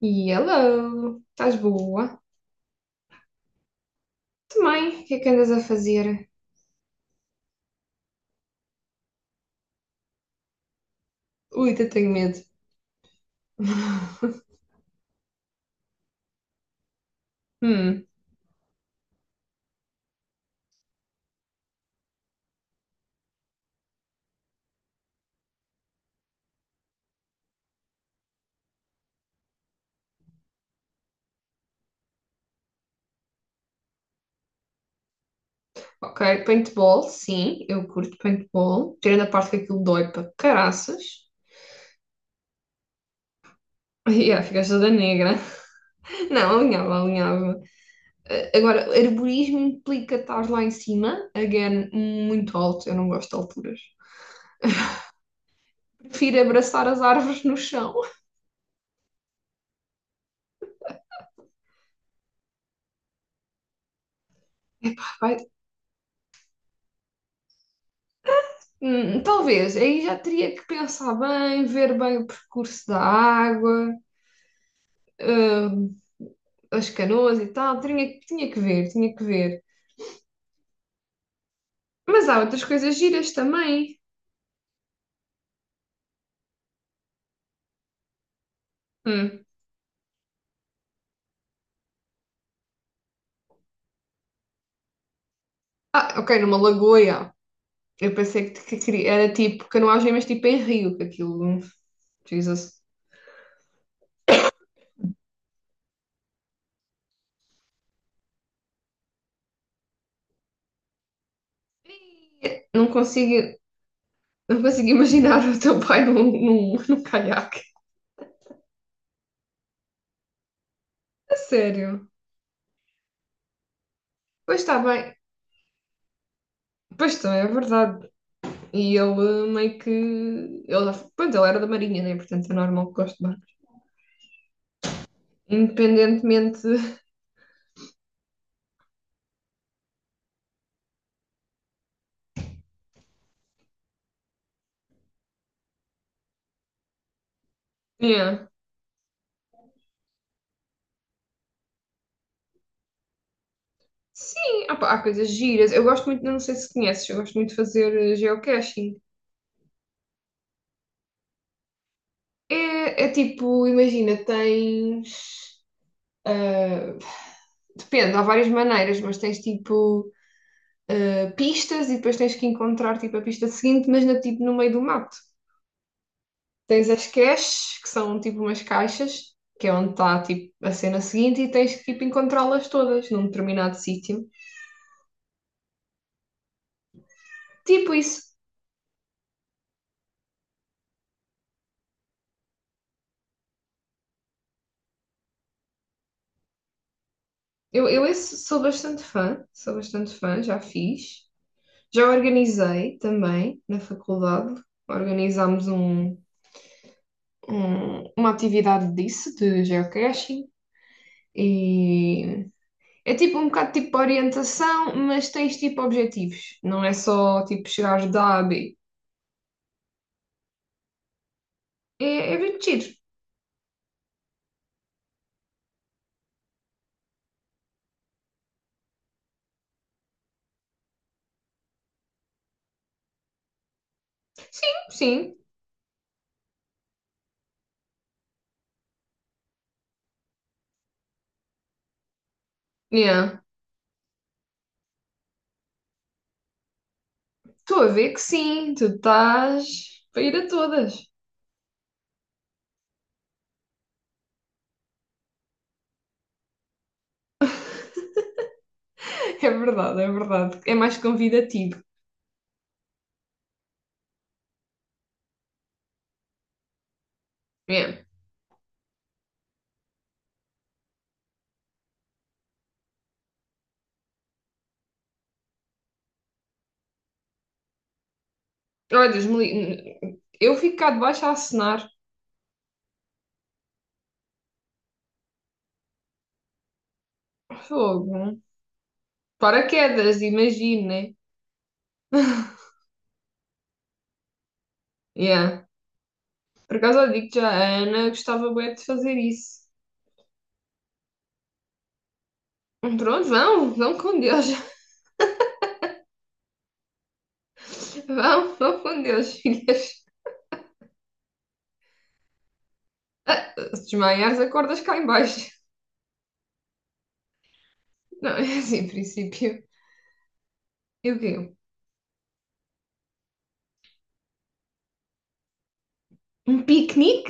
Hello, estás boa? Também, o que é que andas a fazer? Ui, até tenho medo. Hum, ok, paintball, sim, eu curto paintball. Tirando a parte que aquilo dói para caraças. Yeah, ficaste toda negra. Não, alinhava, Agora, arborismo implica estar lá em cima, again, muito alto, eu não gosto de alturas. Prefiro abraçar as árvores no chão. Epá, vai- talvez, aí já teria que pensar bem, ver bem o percurso da água. ah, as canoas e tal, tinha que ver, tinha que ver. Mas há outras coisas giras também. Hum. Ah, ok, numa lagoa, já. Eu pensei era tipo canoagem, mas tipo em rio, que aquilo. Jesus. Não consigo, não consigo imaginar o teu pai num caiaque. A sério. Pois está bem. Pois está, é verdade. E ele eh, meio que. Ele, pronto, ele era da Marinha, né? Portanto é normal que goste de barco. Independentemente. Yeah. Sim, ah pá, há coisas giras. Eu gosto muito, não sei se conheces, eu gosto muito de fazer geocaching. É, é tipo, imagina, eh, Depende, há várias maneiras, mas tens tipo pistas e depois tens que encontrar tipo a pista seguinte, mas tipo, no meio do mato. Tens as caches, que são tipo umas caixas, que é onde está tipo a cena seguinte, e tens que tipo encontrá-las todas num determinado sítio. Tipo isso. Eu, esse sou bastante fã, já fiz. Já organizei também na faculdade, organizámos um, uma atividade disso, de geocaching, e é tipo um bocado tipo orientação, mas tens tipo objetivos, não é só tipo chegares da A a B. É, é bem giro. Sim, yeah. Estou a ver que sim, tu estás para ir a todas. É verdade, é verdade. É mais convidativo. Yeah. Olha, eu fico cá debaixo a acenar. Fogo. Paraquedas, imagino, né? Yeah. Por acaso, eu digo já, a Ana gostava bem de fazer isso. Pronto, vão com Deus. Vão com Deus, filhas. Ah, se desmaiares, acordas cá em baixo. Não, é assim, em princípio. E o quê? Um piquenique?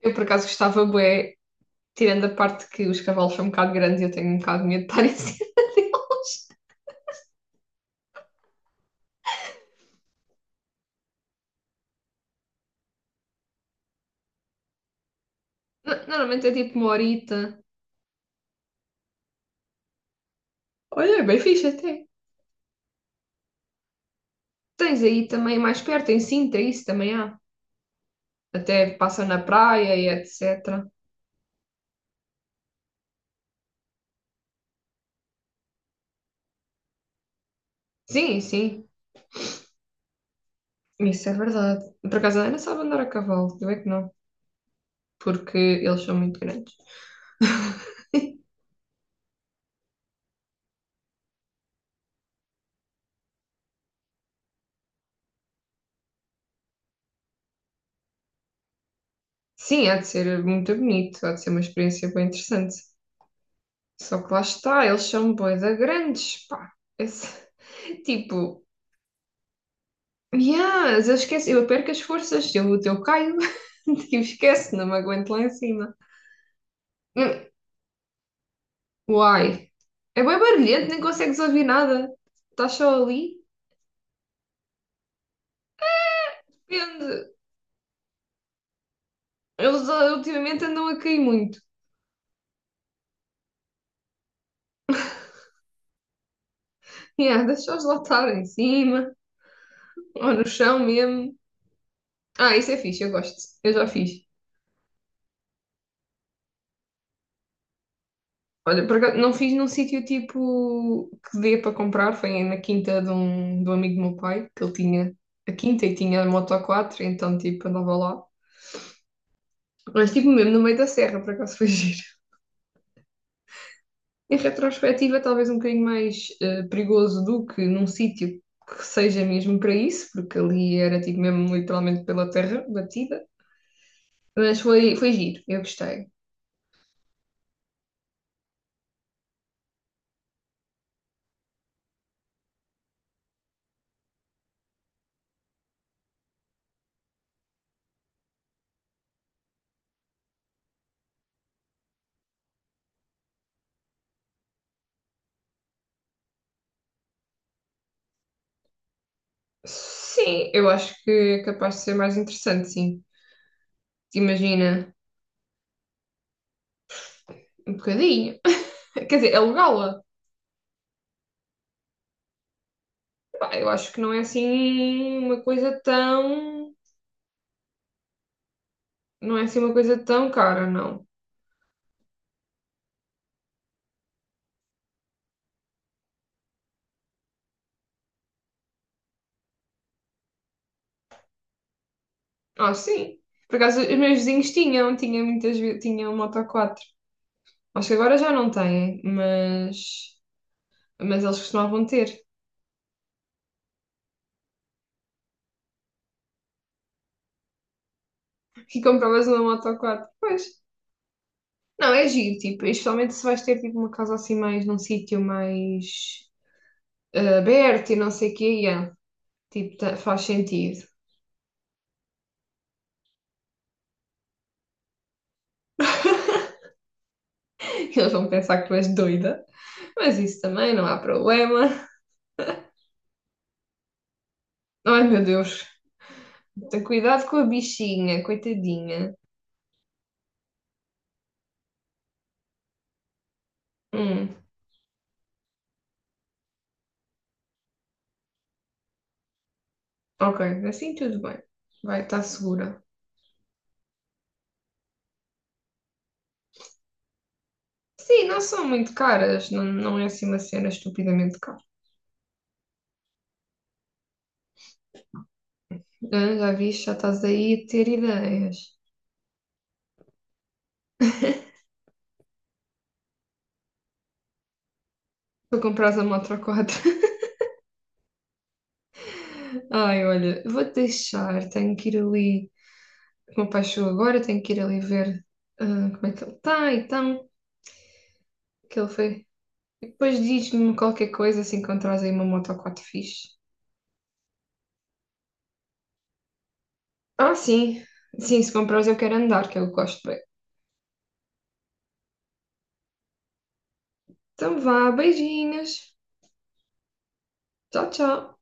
Eu, por acaso, gostava bué, tirando a parte que os cavalos são um bocado grandes e eu tenho um bocado de medo de estar em cima. Normalmente é tipo uma horita. Olha, é bem fixe até. Tens aí também mais perto, em Sintra, isso também há. Até passa na praia e etc. Sim, isso é verdade. Por acaso a Ana sabe andar a cavalo, eu é que não, porque eles são muito grandes. Sim, há de ser muito bonito, há de ser uma experiência bem interessante. Só que lá está, eles são bué da grandes, pá. Esse- tipo, yes, eu perco as forças, eu caio, tipo, esquece, não me aguento lá em cima. Hum, Uai, é bem barulhento, nem consegues ouvir nada. Estás só ali. Depende. Eles ultimamente andam a cair muito. Yeah, deixa-os lá estar em cima, ou no chão mesmo. Ah, isso é fixe, eu gosto. Eu já fiz. Olha, por acaso, não fiz num sítio tipo que dê para comprar, foi na quinta de um amigo do meu pai, que ele tinha a quinta e tinha a Moto 4, então tipo andava lá. Mas tipo mesmo no meio da serra, por acaso foi giro. Em retrospectiva, talvez um bocadinho mais perigoso do que num sítio que seja mesmo para isso, porque ali era tipo mesmo literalmente pela terra batida. Mas foi giro, eu gostei. Sim, eu acho que é capaz de ser mais interessante, sim. Imagina, um bocadinho. Quer dizer, alugá-la. Pá, eu acho que não é assim uma coisa tão. Não é assim uma coisa tão cara, não. Ah, sim. Por acaso, os meus vizinhos tinham muitas vezes, tinham um Moto 4. Acho que agora já não têm, mas. Mas eles costumavam ter. E compravas uma Moto 4, pois. Não, é giro, tipo, especialmente se vais ter tipo uma casa assim mais num sítio mais aberto e não sei o quê, faz sentido. Eles vão pensar que tu és doida, mas isso também não há problema. Ai, meu Deus, tem cuidado com a bichinha, coitadinha. Hum, ok, assim tudo bem. Vai, está segura. Sim, não são muito caras, não, não é assim uma cena estupidamente cara. Ah, já viste, já estás aí a ter ideias. Para comprares a moto a quatro. Ai, olha, vou deixar, tenho que ir ali. O meu pai chegou agora, tenho que ir ali ver como é que ele está, então que ele foi. E depois diz-me qualquer coisa se encontrares aí uma moto 4 fixe. Ah, sim. Sim, se comprares eu quero andar, que eu gosto bem. Então vá, beijinhos. Tchau, tchau.